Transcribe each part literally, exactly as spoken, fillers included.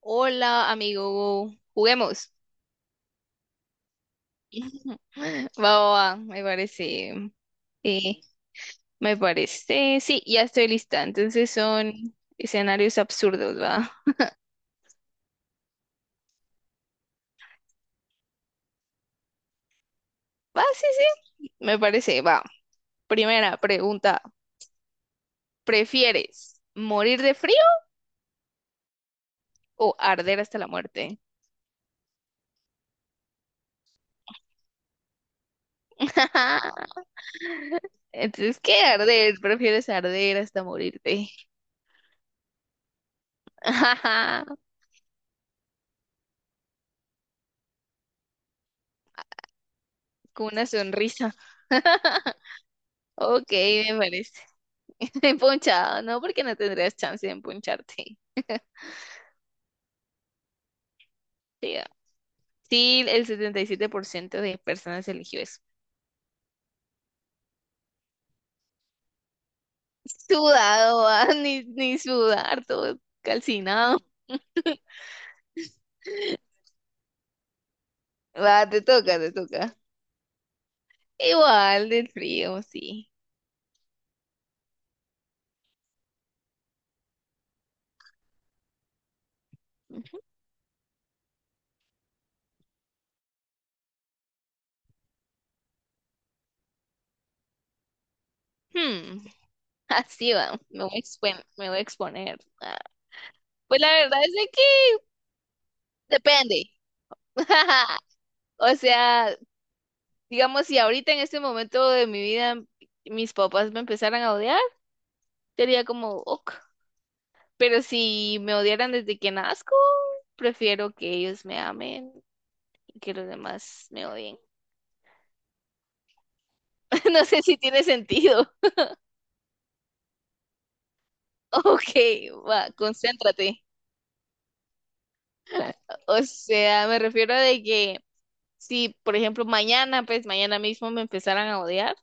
Hola, amigo, juguemos. Va, va, va, me parece. eh, me parece. Sí, ya estoy lista. Entonces son escenarios absurdos, ¿va? Va, sí, sí, me parece. Va. Primera pregunta. ¿Prefieres morir de frío o arder hasta la muerte? Entonces, ¿qué arder? ¿Prefieres arder hasta morirte? Con una sonrisa. Ok, me parece. Empunchado, no, porque no tendrías chance de empuncharte. Sí, ah. Sí, el setenta y siete por ciento de personas eligió eso. Sudado, ah, Ni, ni sudar, todo calcinado. Va, te toca, te toca. Igual del frío, sí. Hmm, así va, me voy a exponer, me voy a exponer. Ah, pues la verdad es de que depende. O sea, digamos, si ahorita en este momento de mi vida mis papás me empezaran a odiar, sería como, ok. Pero si me odiaran desde que nazco, prefiero que ellos me amen y que los demás me odien. No sé si tiene sentido. Ok, va, concéntrate. O sea, me refiero a de que si, por ejemplo, mañana, pues mañana mismo me empezaran a odiar,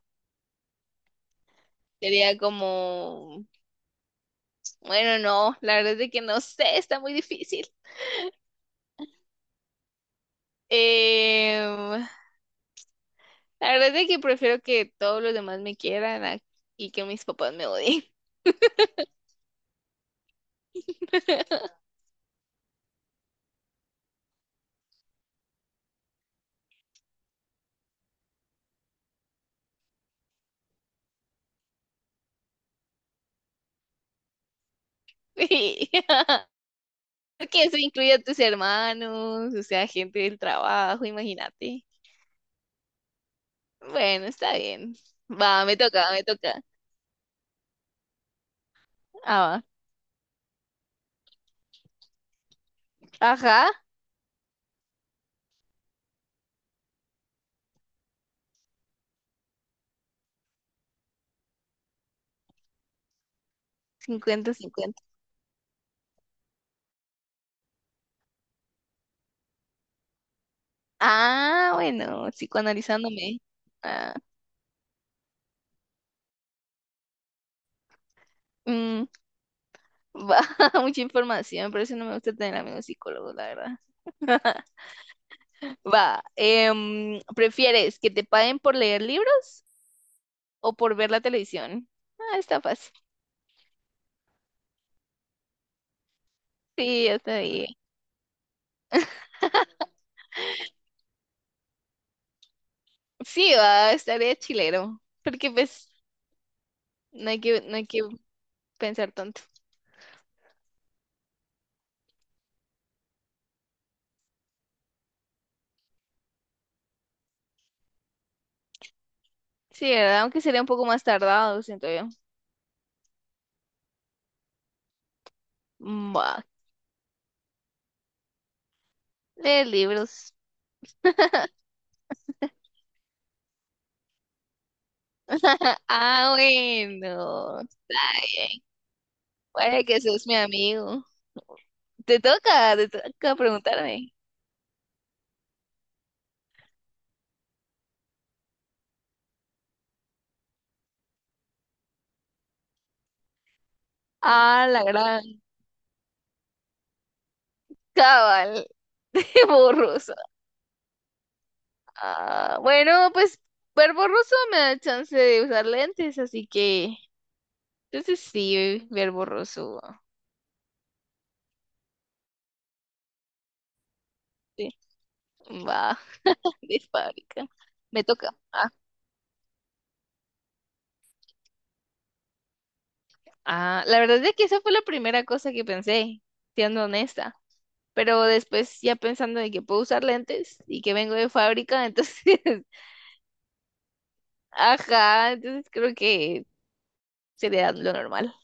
sería como, bueno, no, la verdad es de que no sé, está muy difícil. Em, la verdad es de que prefiero que todos los demás me quieran a- y que mis papás me odien. Sí. Porque eso incluye a tus hermanos, o sea, gente del trabajo, imagínate. Bueno, está bien. Va, me toca, me toca. Ah, va. Ajá, cincuenta cincuenta. Ah, bueno, psicoanalizándome. Ah, mm, va, mucha información, por eso no me gusta tener amigos psicólogos, la verdad. Va, em, ¿prefieres que te paguen por leer libros o por ver la televisión? Ah, está fácil. Sí, está bien. Sí, va, estaría chilero, porque pues no hay que, no hay que pensar tanto. Sí, ¿verdad? Aunque sería un poco más tardado, siento yo. Buah, leer libros. Ah, bueno. Está bien. Puede que sos mi amigo. Te toca, te toca preguntarme. Ah, la gran cabal de borroso. Ah, bueno, pues ver borroso me da chance de usar lentes, así que entonces sí, ver borroso. Sí, va, de fábrica. Me toca. Ah, la verdad es que esa fue la primera cosa que pensé, siendo honesta. Pero después ya pensando de que puedo usar lentes y que vengo de fábrica, entonces, ajá, entonces creo que sería lo normal.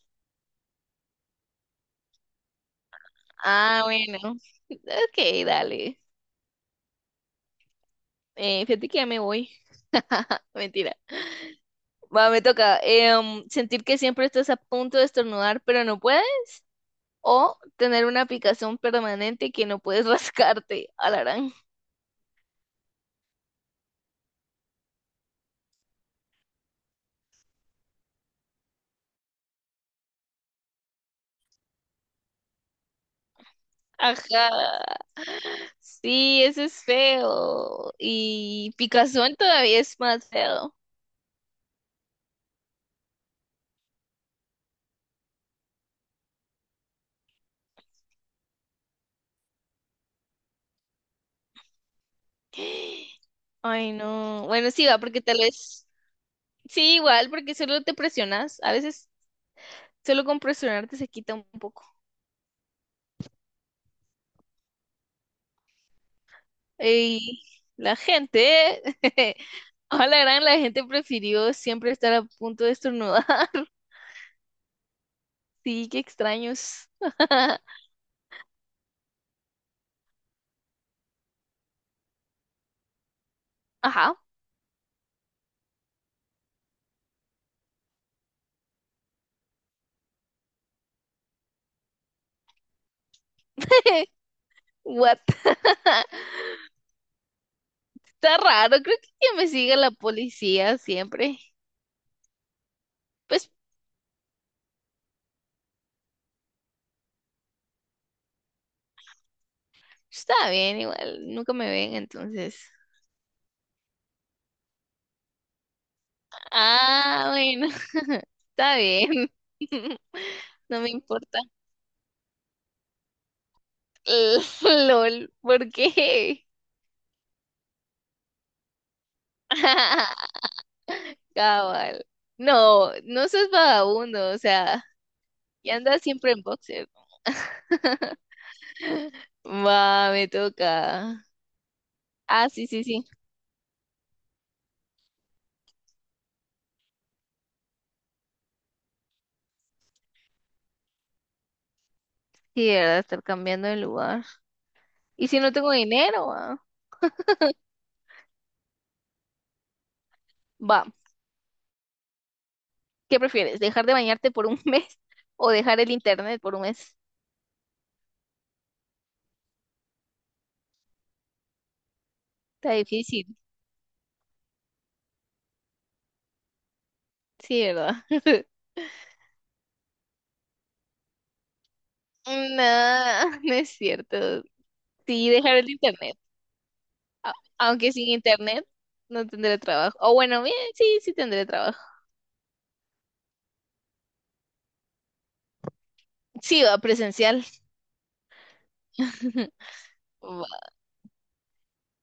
Ah, bueno. Ok, dale. Eh, fíjate que ya me voy. Mentira. Va, me toca, em, sentir que siempre estás a punto de estornudar, pero no puedes. O tener una picazón permanente que no puedes rascarte. Alarán. Ajá. Sí, ese es feo. Y picazón todavía es más feo. Ay, no. Bueno, sí, va, porque tal vez. Sí, igual, porque solo te presionas. A veces solo con presionarte se quita un poco. Y la gente. A la gran, la gente prefirió siempre estar a punto de estornudar. Sí, qué extraños. Ajá. What? Está raro, creo que que me sigue la policía siempre. Pues está bien, igual, nunca me ven, entonces. Ah, bueno, está bien. No me importa. LOL, ¿por qué? Cabal. No, no seas vagabundo, o sea, y andas siempre en boxer. Va, me toca. Ah, sí, sí, sí. Sí, ¿verdad? Estar cambiando de lugar. ¿Y si no tengo dinero? Ah. Va, ¿qué prefieres? ¿Dejar de bañarte por un mes o dejar el internet por un mes? Está difícil, sí, ¿verdad? No, no es cierto. Sí, dejar el internet. A- Aunque sin internet no tendré trabajo. O bueno, bien, sí, sí tendré trabajo. Sí, va presencial. Va.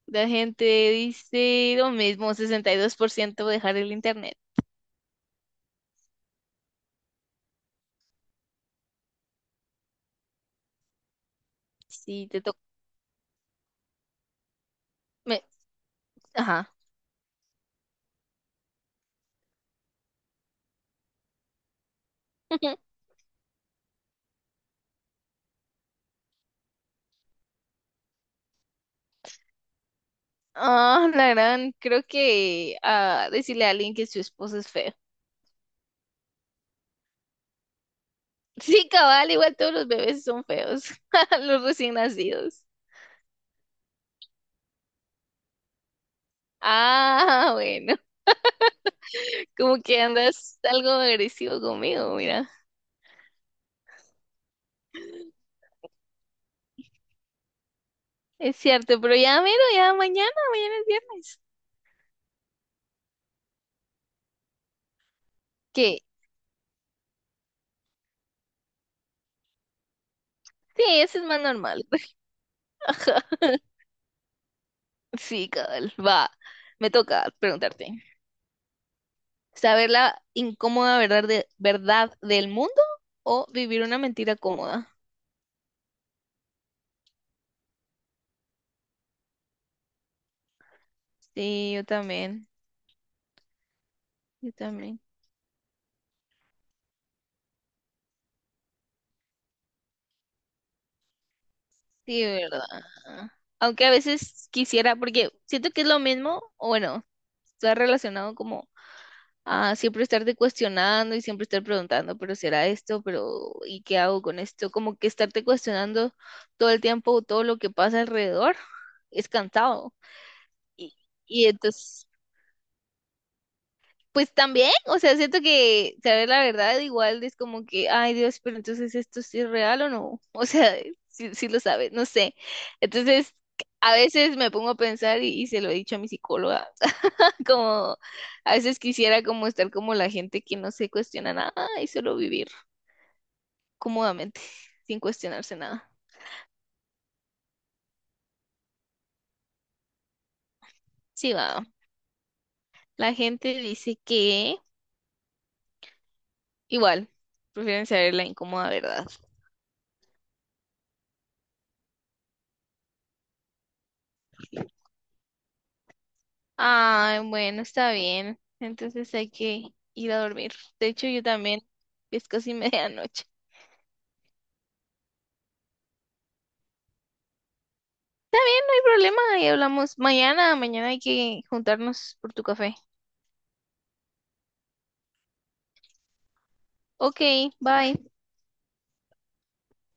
La gente dice lo mismo. Sesenta y dos por ciento, dejar el internet. Sí, te toca. Ajá. Ah, la gran, creo que ah, decirle a alguien que su esposo es feo. Sí, cabal, igual todos los bebés son feos, los recién nacidos. Ah, bueno, como que andas algo agresivo conmigo, mira. Es cierto, pero ya miro, ya mañana, mañana es viernes. ¿Qué? Sí, eso es más normal. Sí, cabal, va. Me toca preguntarte, ¿saber la incómoda verdad, de, verdad del mundo o vivir una mentira cómoda? Sí, yo también, yo también. Sí, ¿verdad? Aunque a veces quisiera, porque siento que es lo mismo, o bueno, está relacionado como a siempre estarte cuestionando y siempre estar preguntando, pero será esto, pero ¿y qué hago con esto? Como que estarte cuestionando todo el tiempo todo lo que pasa alrededor es cansado. Y, y entonces pues también, o sea, siento que saber la verdad igual es como que, ay Dios, pero entonces esto sí es real o no, o sea, sí, sí lo sabes, no sé. Entonces, a veces me pongo a pensar y, y se lo he dicho a mi psicóloga, como a veces quisiera como estar como la gente que no se cuestiona nada y solo vivir cómodamente, sin cuestionarse nada. Sí, va. La gente dice que igual, prefieren saber la incómoda verdad. Ay, bueno, está bien. Entonces hay que ir a dormir. De hecho, yo también. Es casi medianoche. No hay problema, ahí hablamos mañana. Mañana hay que juntarnos por tu café. Ok, bye.